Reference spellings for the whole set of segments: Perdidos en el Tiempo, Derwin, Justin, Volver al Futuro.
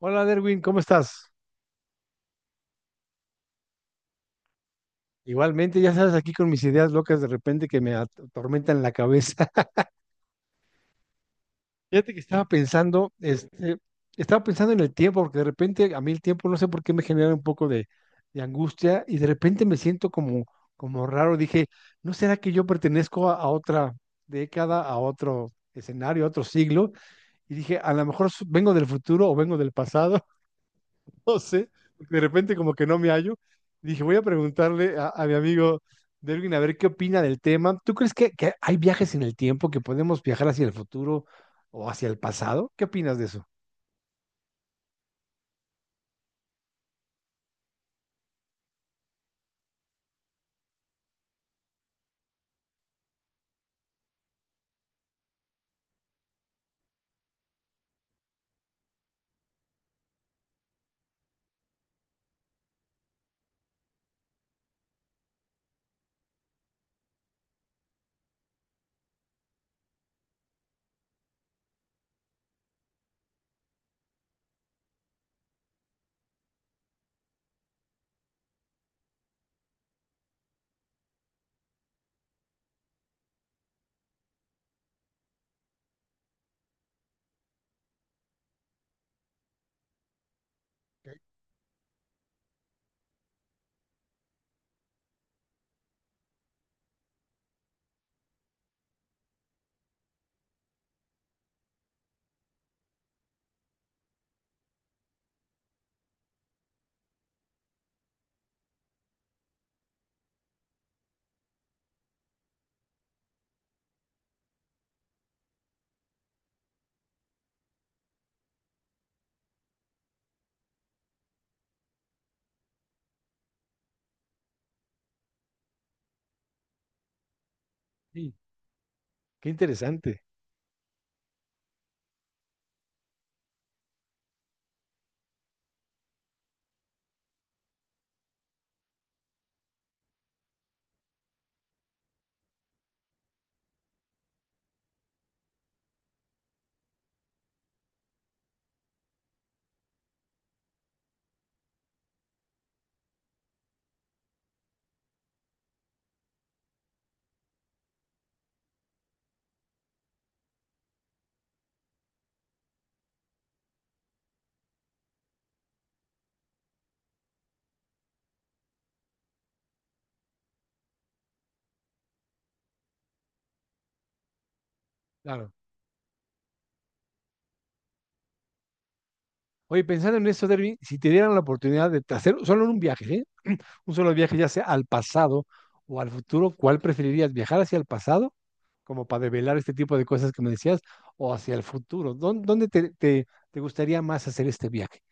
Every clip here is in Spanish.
Hola Derwin, ¿cómo estás? Igualmente, ya sabes, aquí con mis ideas locas de repente que me atormentan la cabeza. Fíjate que estaba pensando en el tiempo, porque de repente a mí el tiempo no sé por qué me genera un poco de angustia y de repente me siento como raro. Dije, ¿no será que yo pertenezco a otra década, a otro escenario, a otro siglo? Y dije, a lo mejor vengo del futuro o vengo del pasado. No sé, porque de repente como que no me hallo. Dije, voy a preguntarle a mi amigo Derwin a ver qué opina del tema. ¿Tú crees que hay viajes en el tiempo, que podemos viajar hacia el futuro o hacia el pasado? ¿Qué opinas de eso? Sí, qué interesante. Claro. Oye, pensando en eso, Derwin, si te dieran la oportunidad de hacer solo un viaje, ¿eh? Un solo viaje, ya sea al pasado o al futuro, ¿cuál preferirías? ¿Viajar hacia el pasado, como para develar este tipo de cosas que me decías, o hacia el futuro? ¿Dónde te gustaría más hacer este viaje?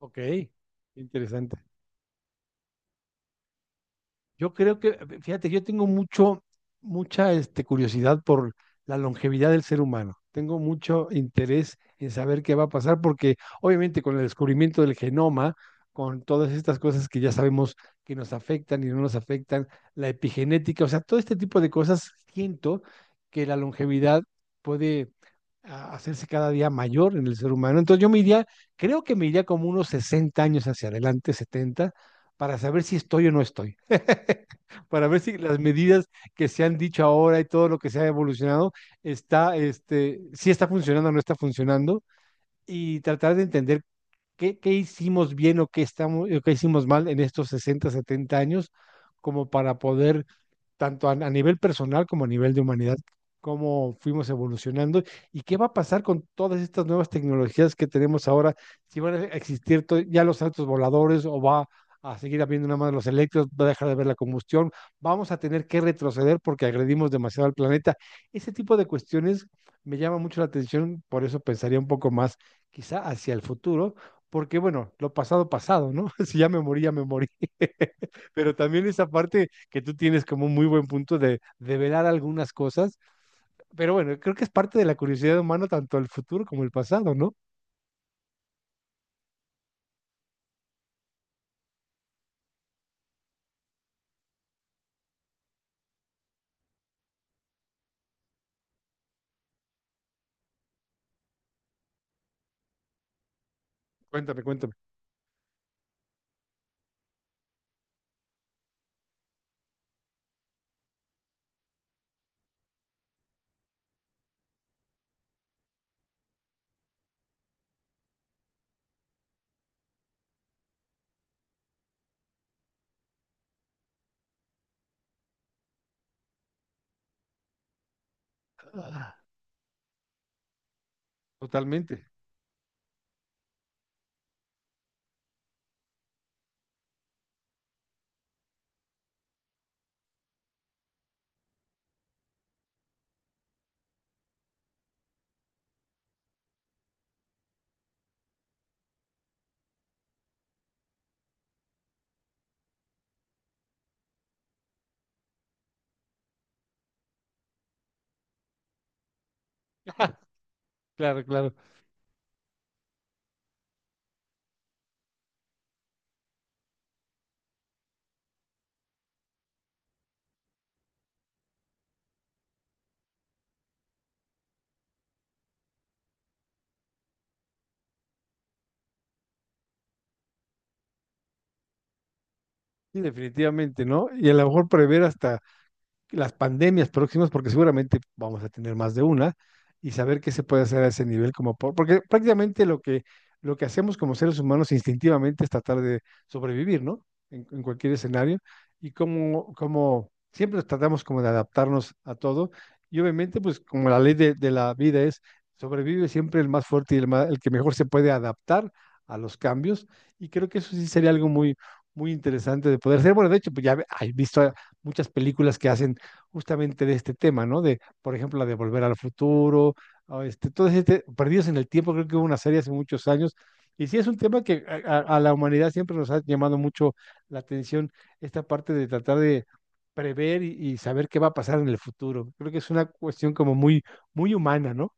Ok, interesante. Yo creo que, fíjate, yo tengo mucha curiosidad por la longevidad del ser humano. Tengo mucho interés en saber qué va a pasar, porque obviamente con el descubrimiento del genoma, con todas estas cosas que ya sabemos que nos afectan y no nos afectan, la epigenética, o sea, todo este tipo de cosas, siento que la longevidad puede a hacerse cada día mayor en el ser humano. Entonces yo me iría, creo que me iría como unos 60 años hacia adelante, setenta, para saber si estoy o no estoy, para ver si las medidas que se han dicho ahora y todo lo que se ha evolucionado está, este, si está funcionando o no está funcionando, y tratar de entender qué hicimos bien o qué hicimos mal en estos 60 70 años, como para poder tanto a nivel personal como a nivel de humanidad, cómo fuimos evolucionando y qué va a pasar con todas estas nuevas tecnologías que tenemos ahora, si van a existir ya los autos voladores o va a seguir habiendo nada más los eléctricos, va a dejar de haber la combustión, vamos a tener que retroceder porque agredimos demasiado al planeta. Ese tipo de cuestiones me llama mucho la atención, por eso pensaría un poco más quizá hacia el futuro. Porque bueno, lo pasado pasado, ¿no? Si ya me morí, ya me morí. Pero también esa parte que tú tienes como un muy buen punto de develar algunas cosas, pero bueno, creo que es parte de la curiosidad humana, tanto el futuro como el pasado, ¿no? Cuéntame, cuéntame. Ah, totalmente. Claro, claro. Sí, definitivamente, ¿no? Y a lo mejor prever hasta las pandemias próximas, porque seguramente vamos a tener más de una, y saber qué se puede hacer a ese nivel, como porque prácticamente lo que hacemos como seres humanos instintivamente es tratar de sobrevivir, ¿no? En cualquier escenario, y como siempre tratamos como de adaptarnos a todo, y obviamente pues como la ley de la vida es, sobrevive siempre el más fuerte y el que mejor se puede adaptar a los cambios, y creo que eso sí sería algo muy... Muy interesante de poder hacer. Bueno, de hecho, pues ya he visto muchas películas que hacen justamente de este tema, ¿no? De, por ejemplo, la de Volver al Futuro, o este, todo este, Perdidos en el Tiempo, creo que hubo una serie hace muchos años. Y sí, es un tema que a la humanidad siempre nos ha llamado mucho la atención, esta parte de tratar de prever y saber qué va a pasar en el futuro. Creo que es una cuestión como muy, muy humana, ¿no?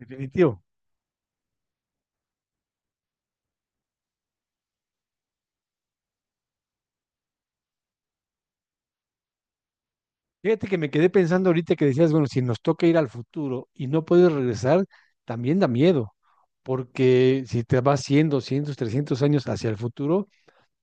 Definitivo. Fíjate que me quedé pensando ahorita que decías, bueno, si nos toca ir al futuro y no puedes regresar, también da miedo, porque si te vas 100, 200, 300 años hacia el futuro,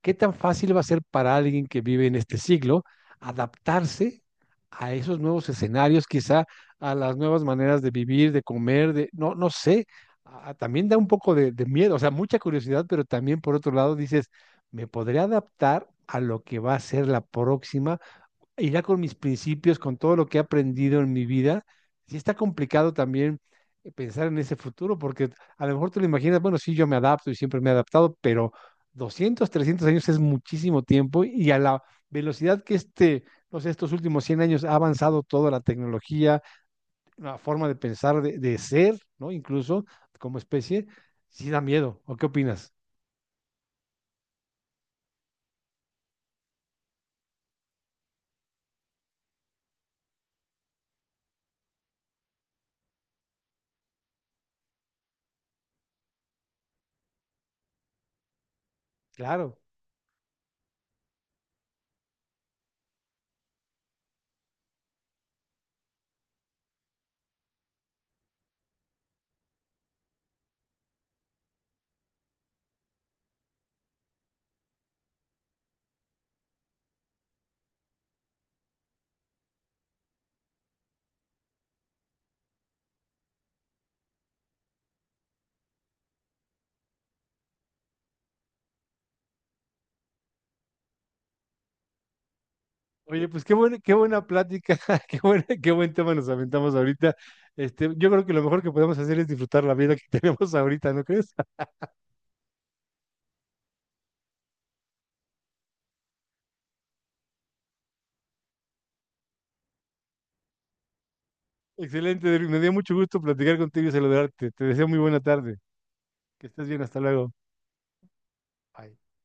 ¿qué tan fácil va a ser para alguien que vive en este siglo adaptarse a esos nuevos escenarios, quizá a las nuevas maneras de vivir, de comer, de, no, no sé, a- también da un poco de miedo, o sea, mucha curiosidad, pero también por otro lado dices, me podré adaptar a lo que va a ser la próxima y ya con mis principios, con todo lo que he aprendido en mi vida, sí está complicado también, pensar en ese futuro, porque a lo mejor te lo imaginas, bueno, sí, yo me adapto y siempre me he adaptado, pero 200, 300 años es muchísimo tiempo y a la velocidad que este, no sé, estos últimos 100 años ha avanzado toda la tecnología, la forma de pensar, de ser, ¿no? Incluso como especie, sí da miedo. ¿O qué opinas? Claro. Oye, pues qué buena plática, qué buen tema nos aventamos ahorita. Este, yo creo que lo mejor que podemos hacer es disfrutar la vida que tenemos ahorita, ¿no crees? Excelente, Derrick, me dio mucho gusto platicar contigo y saludarte. Te deseo muy buena tarde. Que estés bien, hasta luego. Bye.